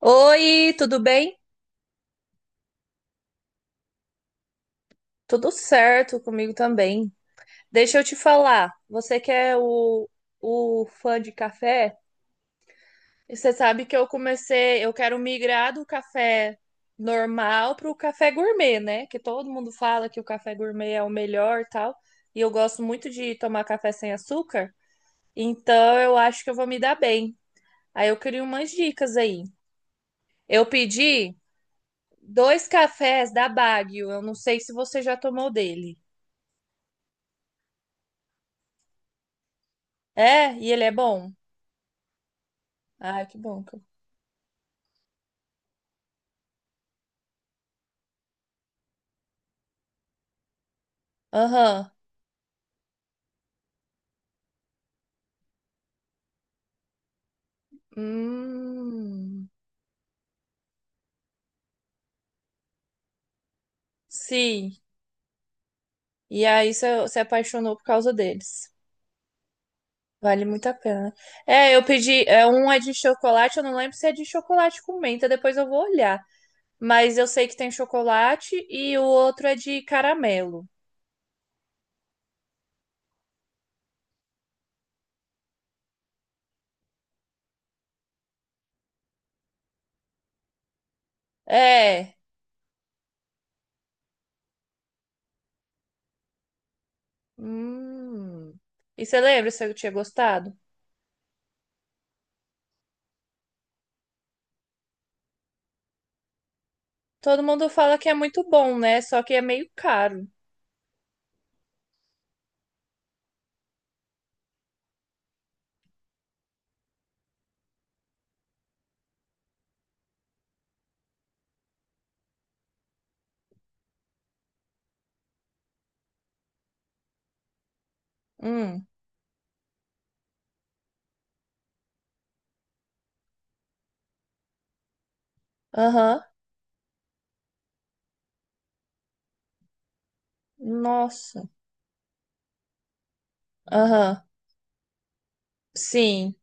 Oi, tudo bem? Tudo certo comigo também. Deixa eu te falar, você que é o fã de café, você sabe que eu comecei, eu quero migrar do café normal para o café gourmet, né? Que todo mundo fala que o café gourmet é o melhor e tal, e eu gosto muito de tomar café sem açúcar, então eu acho que eu vou me dar bem. Aí eu queria umas dicas aí. Eu pedi dois cafés da Baguio, eu não sei se você já tomou dele. É, e ele é bom. Ah, que bom. Aham. Hum. Sim. E aí você se apaixonou por causa deles. Vale muito a pena. É, eu pedi. É, um é de chocolate, eu não lembro se é de chocolate com menta, depois eu vou olhar. Mas eu sei que tem chocolate e o outro é de caramelo. É. Hum. E você lembra se eu tinha gostado? Todo mundo fala que é muito bom, né? Só que é meio caro. Hum. Aham. Nossa. Aham. Sim,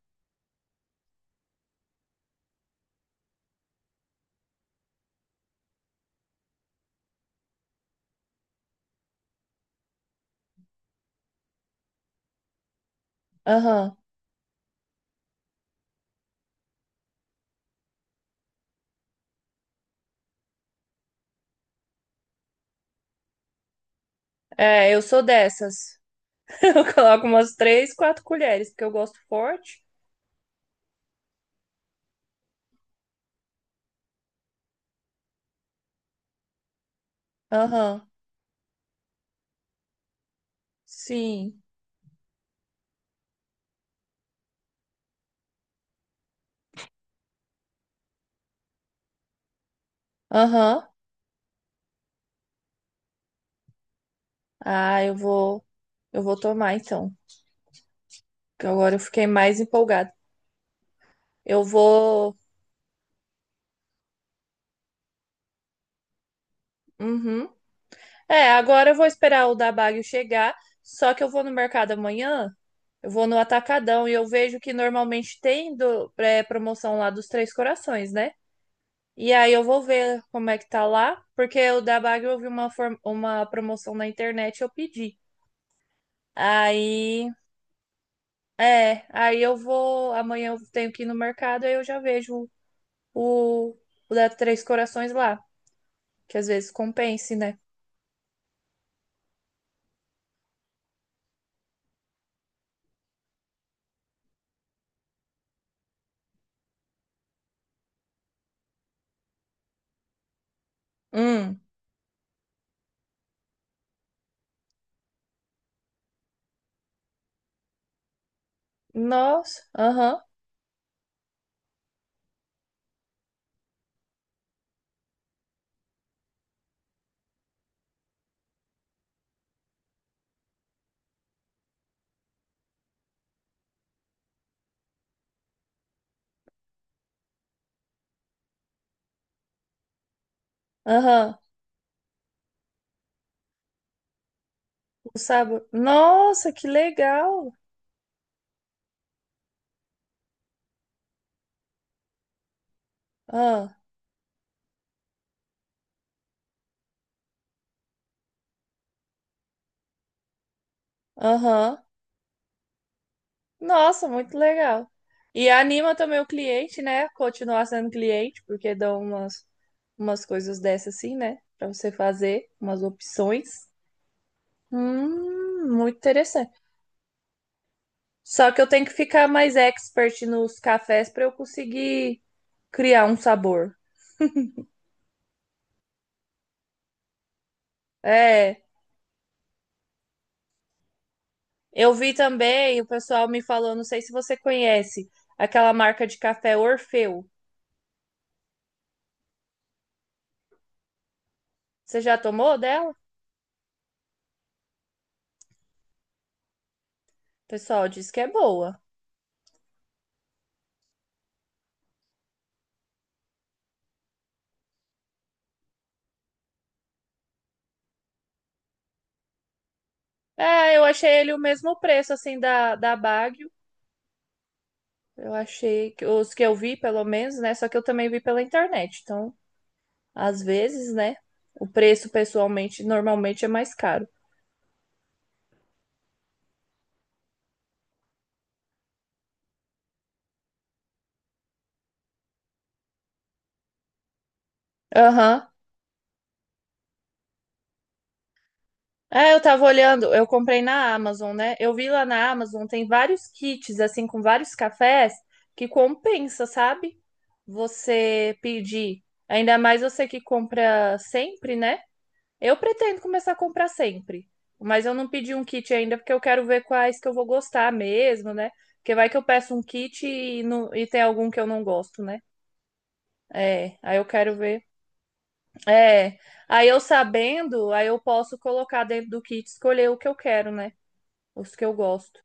aham. É, eu sou dessas. Eu coloco umas 3, 4 colheres, porque eu gosto forte. Aham, Sim, aham. Ah, eu vou tomar então, que agora eu fiquei mais empolgada. Eu vou, uhum. É, agora eu vou esperar o da Bagio chegar, só que eu vou no mercado amanhã, eu vou no Atacadão e eu vejo que normalmente tem promoção lá dos Três Corações, né? E aí eu vou ver como é que tá lá, porque o da Bagre eu vi uma promoção na internet e eu pedi. Aí, Aí eu vou, amanhã eu tenho que ir no mercado, aí eu já vejo o, o da Três Corações lá, que às vezes compense, né? Hum, nossa, aham, aham, o sabor. Nossa, que legal! Ah, Aham, Nossa, muito legal. E anima também o cliente, né? Continuar sendo cliente, porque dão umas, umas coisas dessas assim, né? Pra você fazer, umas opções. Muito interessante. Só que eu tenho que ficar mais expert nos cafés para eu conseguir criar um sabor. É, eu vi também, o pessoal me falou, não sei se você conhece, aquela marca de café Orfeu. Você já tomou dela? O pessoal diz que é boa. É, eu achei ele o mesmo preço, assim, da Baggio. Eu achei que os que eu vi, pelo menos, né? Só que eu também vi pela internet. Então, às vezes, né? O preço, pessoalmente, normalmente é mais caro. Aham. É, eu tava olhando, eu comprei na Amazon, né? Eu vi lá na Amazon, tem vários kits, assim, com vários cafés que compensa, sabe? Você pedir. Ainda mais você que compra sempre, né? Eu pretendo começar a comprar sempre, mas eu não pedi um kit ainda porque eu quero ver quais que eu vou gostar mesmo, né? Porque vai que eu peço um kit e, não, e tem algum que eu não gosto, né? É, aí eu quero ver. É, aí eu sabendo, aí eu posso colocar dentro do kit, e escolher o que eu quero, né? Os que eu gosto.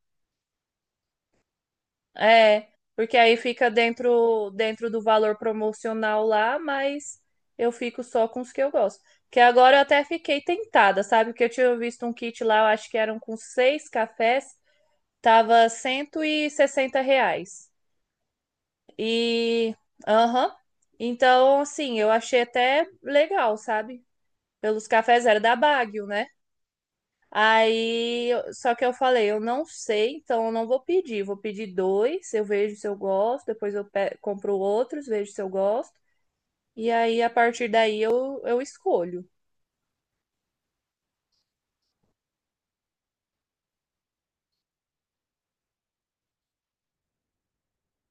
É, porque aí fica dentro do valor promocional lá, mas eu fico só com os que eu gosto. Que agora eu até fiquei tentada, sabe? Porque eu tinha visto um kit lá, eu acho que eram com seis cafés, tava R$ 160. E, aham. Então, assim, eu achei até legal, sabe? Pelos cafés era da Baguio, né? Só que eu falei, eu não sei, então eu não vou pedir. Vou pedir dois, eu vejo se eu gosto, depois compro outros, vejo se eu gosto. E aí, a partir daí, eu escolho.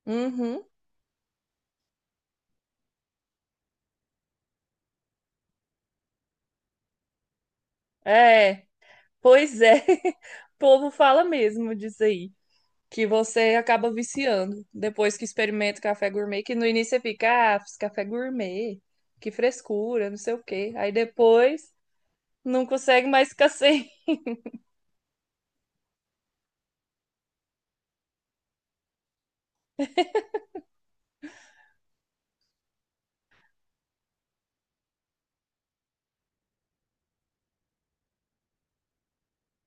Uhum. É, pois é. O povo fala mesmo disso aí, que você acaba viciando depois que experimenta o café gourmet, que no início você fica, ah, fiz café gourmet, que frescura, não sei o quê. Aí depois não consegue mais ficar sem.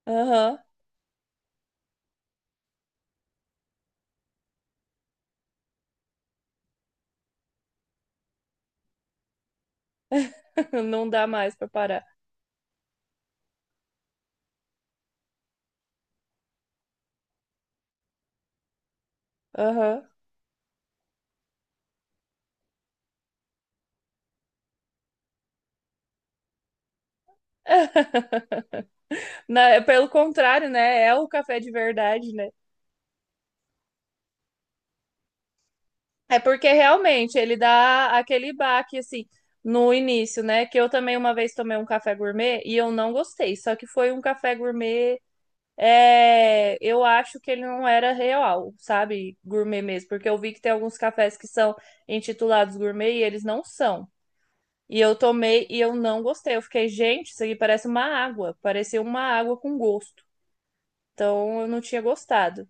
Aham, Não dá mais pra parar. Aham. Pelo contrário, né? É o café de verdade, né? É porque realmente ele dá aquele baque, assim, no início, né? Que eu também uma vez tomei um café gourmet e eu não gostei. Só que foi um café gourmet. É, eu acho que ele não era real, sabe? Gourmet mesmo. Porque eu vi que tem alguns cafés que são intitulados gourmet e eles não são. E eu tomei e eu não gostei. Eu fiquei, gente, isso aqui parece uma água. Parecia uma água com gosto. Então eu não tinha gostado.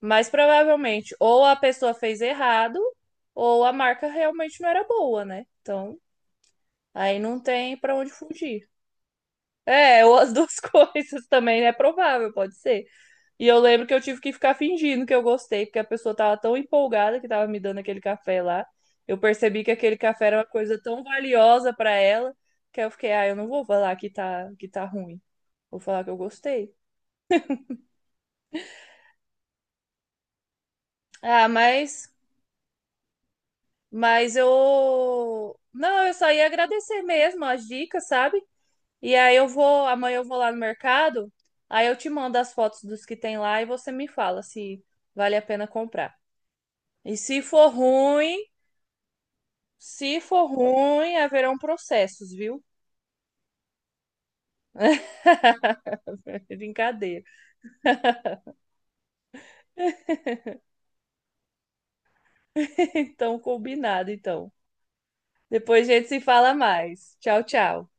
Mas provavelmente, ou a pessoa fez errado, ou a marca realmente não era boa, né? Então, aí não tem pra onde fugir. É, ou as duas coisas também é provável, pode ser. E eu lembro que eu tive que ficar fingindo que eu gostei, porque a pessoa tava tão empolgada que tava me dando aquele café lá. Eu percebi que aquele café era uma coisa tão valiosa pra ela, que eu fiquei, ah, eu não vou falar que tá ruim. Vou falar que eu gostei. Ah, mas eu. Não, eu só ia agradecer mesmo as dicas, sabe? E aí eu vou. Amanhã eu vou lá no mercado. Aí eu te mando as fotos dos que tem lá e você me fala se vale a pena comprar. E se for ruim, se for ruim, haverão processos, viu? Brincadeira. Então, combinado, então. Depois a gente se fala mais. Tchau, tchau.